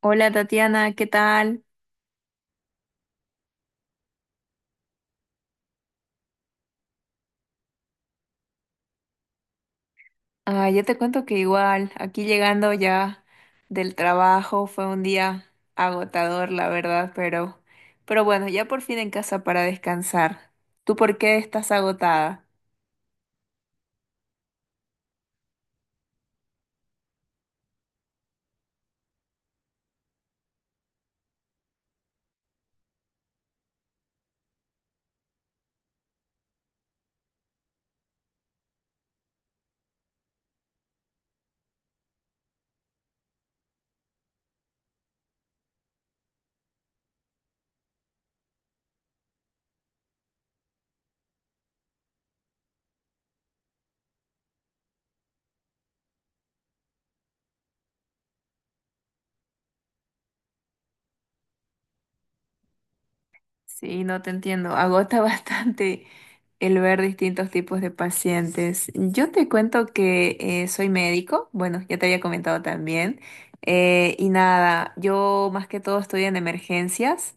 Hola Tatiana, ¿qué tal? Ah, yo te cuento que igual, aquí llegando ya del trabajo, fue un día agotador, la verdad, pero bueno, ya por fin en casa para descansar. ¿Tú por qué estás agotada? Sí, no te entiendo, agota bastante el ver distintos tipos de pacientes. Yo te cuento que soy médico, bueno, ya te había comentado también, y nada, yo más que todo estoy en emergencias.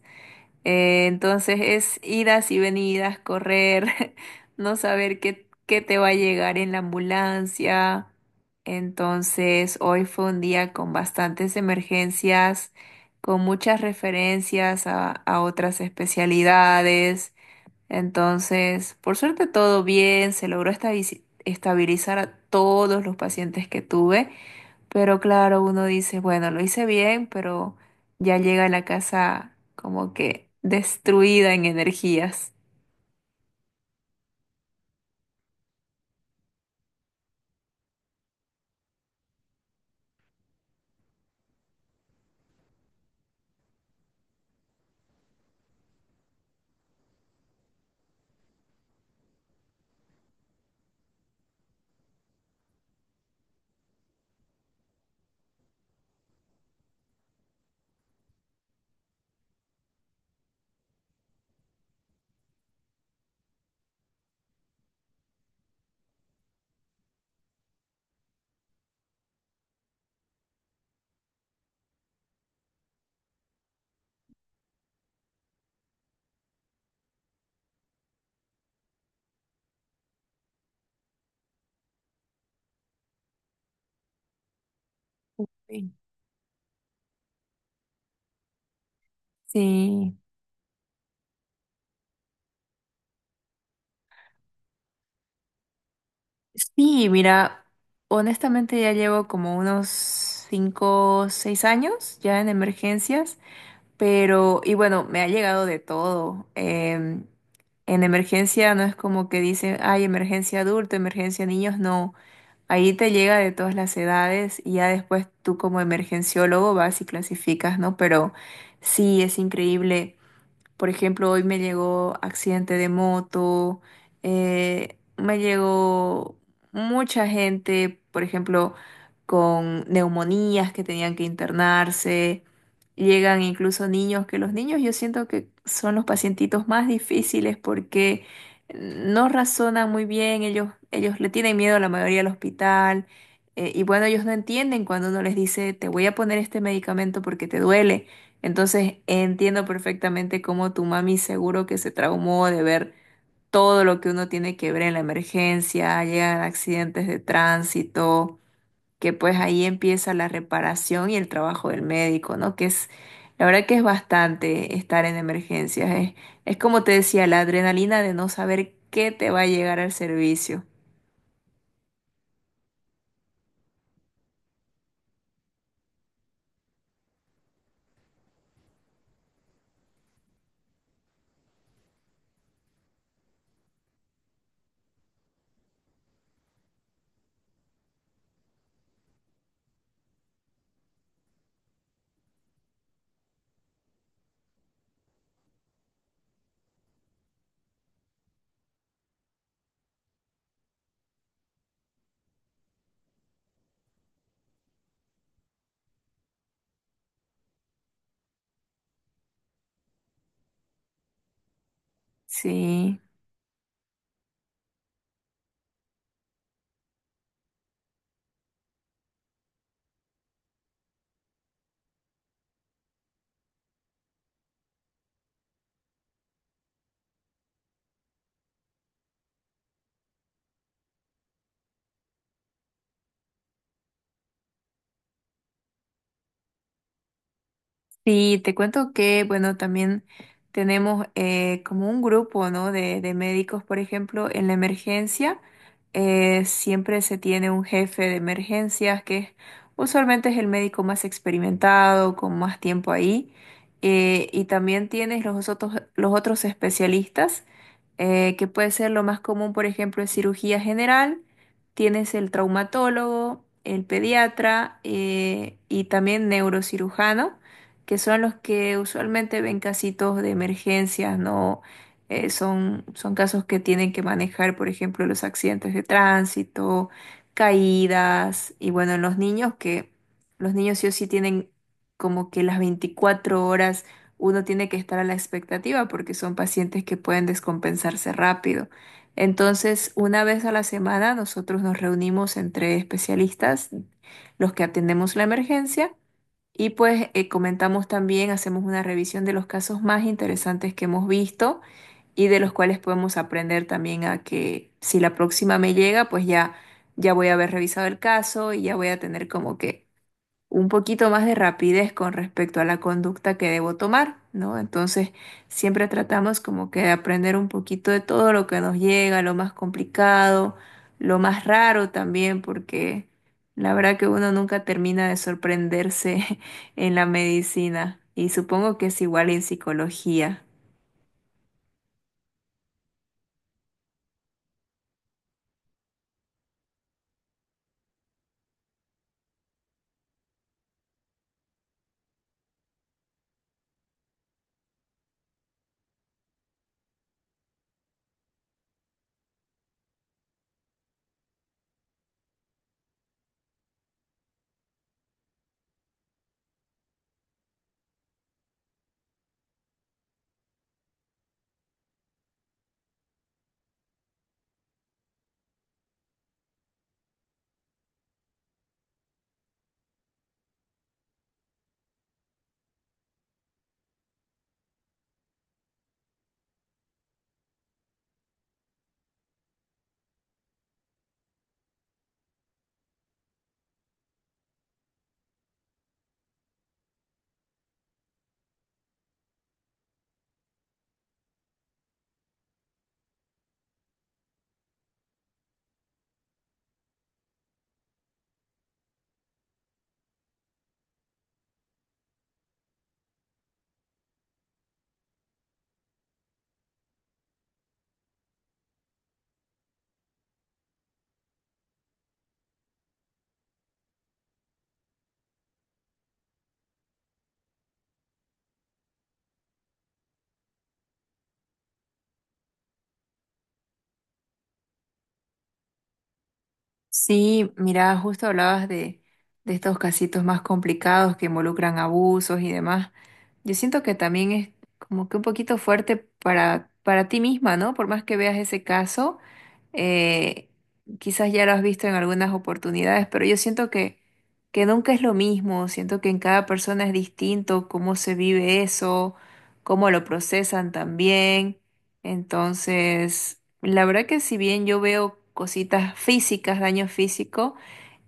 Entonces es idas y venidas, correr, no saber qué te va a llegar en la ambulancia. Entonces hoy fue un día con bastantes emergencias, con muchas referencias a otras especialidades. Entonces, por suerte todo bien, se logró estabilizar a todos los pacientes que tuve. Pero claro, uno dice, bueno, lo hice bien, pero ya llega a la casa como que destruida en energías. Sí. Sí, sí, mira, honestamente ya llevo como unos 5, 6 años ya en emergencias, pero, y bueno, me ha llegado de todo. En emergencia no es como que dicen, ay, emergencia adulto, emergencia niños, no. Ahí te llega de todas las edades y ya después tú como emergenciólogo vas y clasificas, ¿no? Pero sí, es increíble. Por ejemplo, hoy me llegó accidente de moto, me llegó mucha gente, por ejemplo, con neumonías que tenían que internarse. Llegan incluso niños, que los niños yo siento que son los pacientitos más difíciles porque no razonan muy bien, ellos le tienen miedo a la mayoría al hospital. Y bueno, ellos no entienden cuando uno les dice, te voy a poner este medicamento porque te duele. Entonces entiendo perfectamente cómo tu mami seguro que se traumó de ver todo lo que uno tiene que ver en la emergencia, llegan accidentes de tránsito, que pues ahí empieza la reparación y el trabajo del médico, ¿no? Que es, la verdad que es bastante estar en emergencias, es como te decía, la adrenalina de no saber qué te va a llegar al servicio. Sí. Sí, te cuento que, bueno, también tenemos como un grupo, ¿no? De médicos, por ejemplo, en la emergencia, siempre se tiene un jefe de emergencias que usualmente es el médico más experimentado, con más tiempo ahí, y también tienes los otros especialistas, que puede ser lo más común, por ejemplo, en cirugía general, tienes el traumatólogo, el pediatra, y también neurocirujano que son los que usualmente ven casitos de emergencias, ¿no? Son casos que tienen que manejar, por ejemplo, los accidentes de tránsito, caídas, y bueno, en los niños que los niños sí o sí tienen como que las 24 horas uno tiene que estar a la expectativa porque son pacientes que pueden descompensarse rápido. Entonces, una vez a la semana nosotros nos reunimos entre especialistas, los que atendemos la emergencia, y pues comentamos también, hacemos una revisión de los casos más interesantes que hemos visto y de los cuales podemos aprender también a que si la próxima me llega, pues ya, ya voy a haber revisado el caso y ya voy a tener como que un poquito más de rapidez con respecto a la conducta que debo tomar, ¿no? Entonces, siempre tratamos como que de aprender un poquito de todo lo que nos llega, lo más complicado, lo más raro también, porque la verdad que uno nunca termina de sorprenderse en la medicina y supongo que es igual en psicología. Sí, mira, justo hablabas de estos casitos más complicados que involucran abusos y demás. Yo siento que también es como que un poquito fuerte para ti misma, ¿no? Por más que veas ese caso, eh, quizás ya lo has visto en algunas oportunidades, pero yo siento que nunca es lo mismo, siento que en cada persona es distinto cómo se vive eso, cómo lo procesan también. Entonces, la verdad que si bien yo veo cositas físicas, daño físico,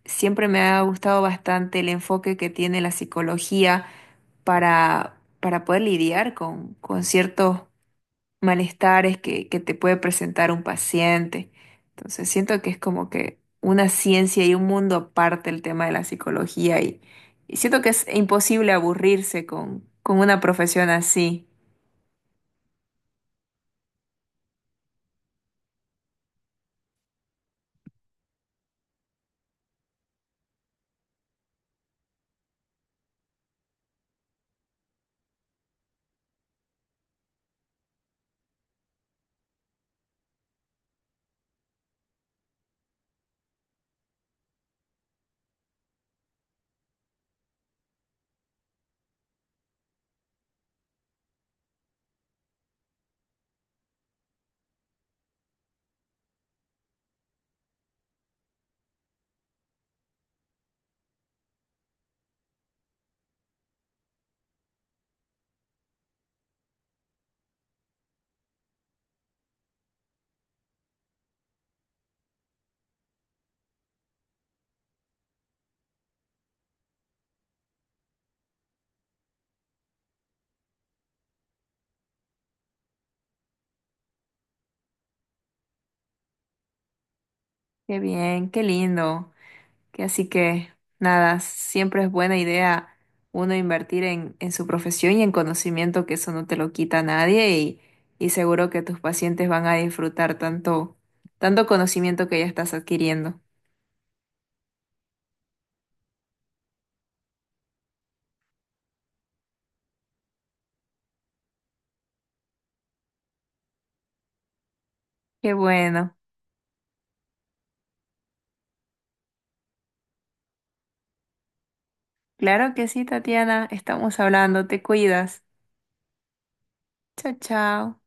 siempre me ha gustado bastante el enfoque que tiene la psicología para poder lidiar con ciertos malestares que te puede presentar un paciente. Entonces, siento que es como que una ciencia y un mundo aparte el tema de la psicología y siento que es imposible aburrirse con una profesión así. Qué bien, qué lindo. Que así que nada, siempre es buena idea uno invertir en su profesión y en conocimiento, que eso no te lo quita nadie y, y seguro que tus pacientes van a disfrutar tanto, tanto conocimiento que ya estás adquiriendo. Qué bueno. Claro que sí, Tatiana, estamos hablando, te cuidas. Chao, chao.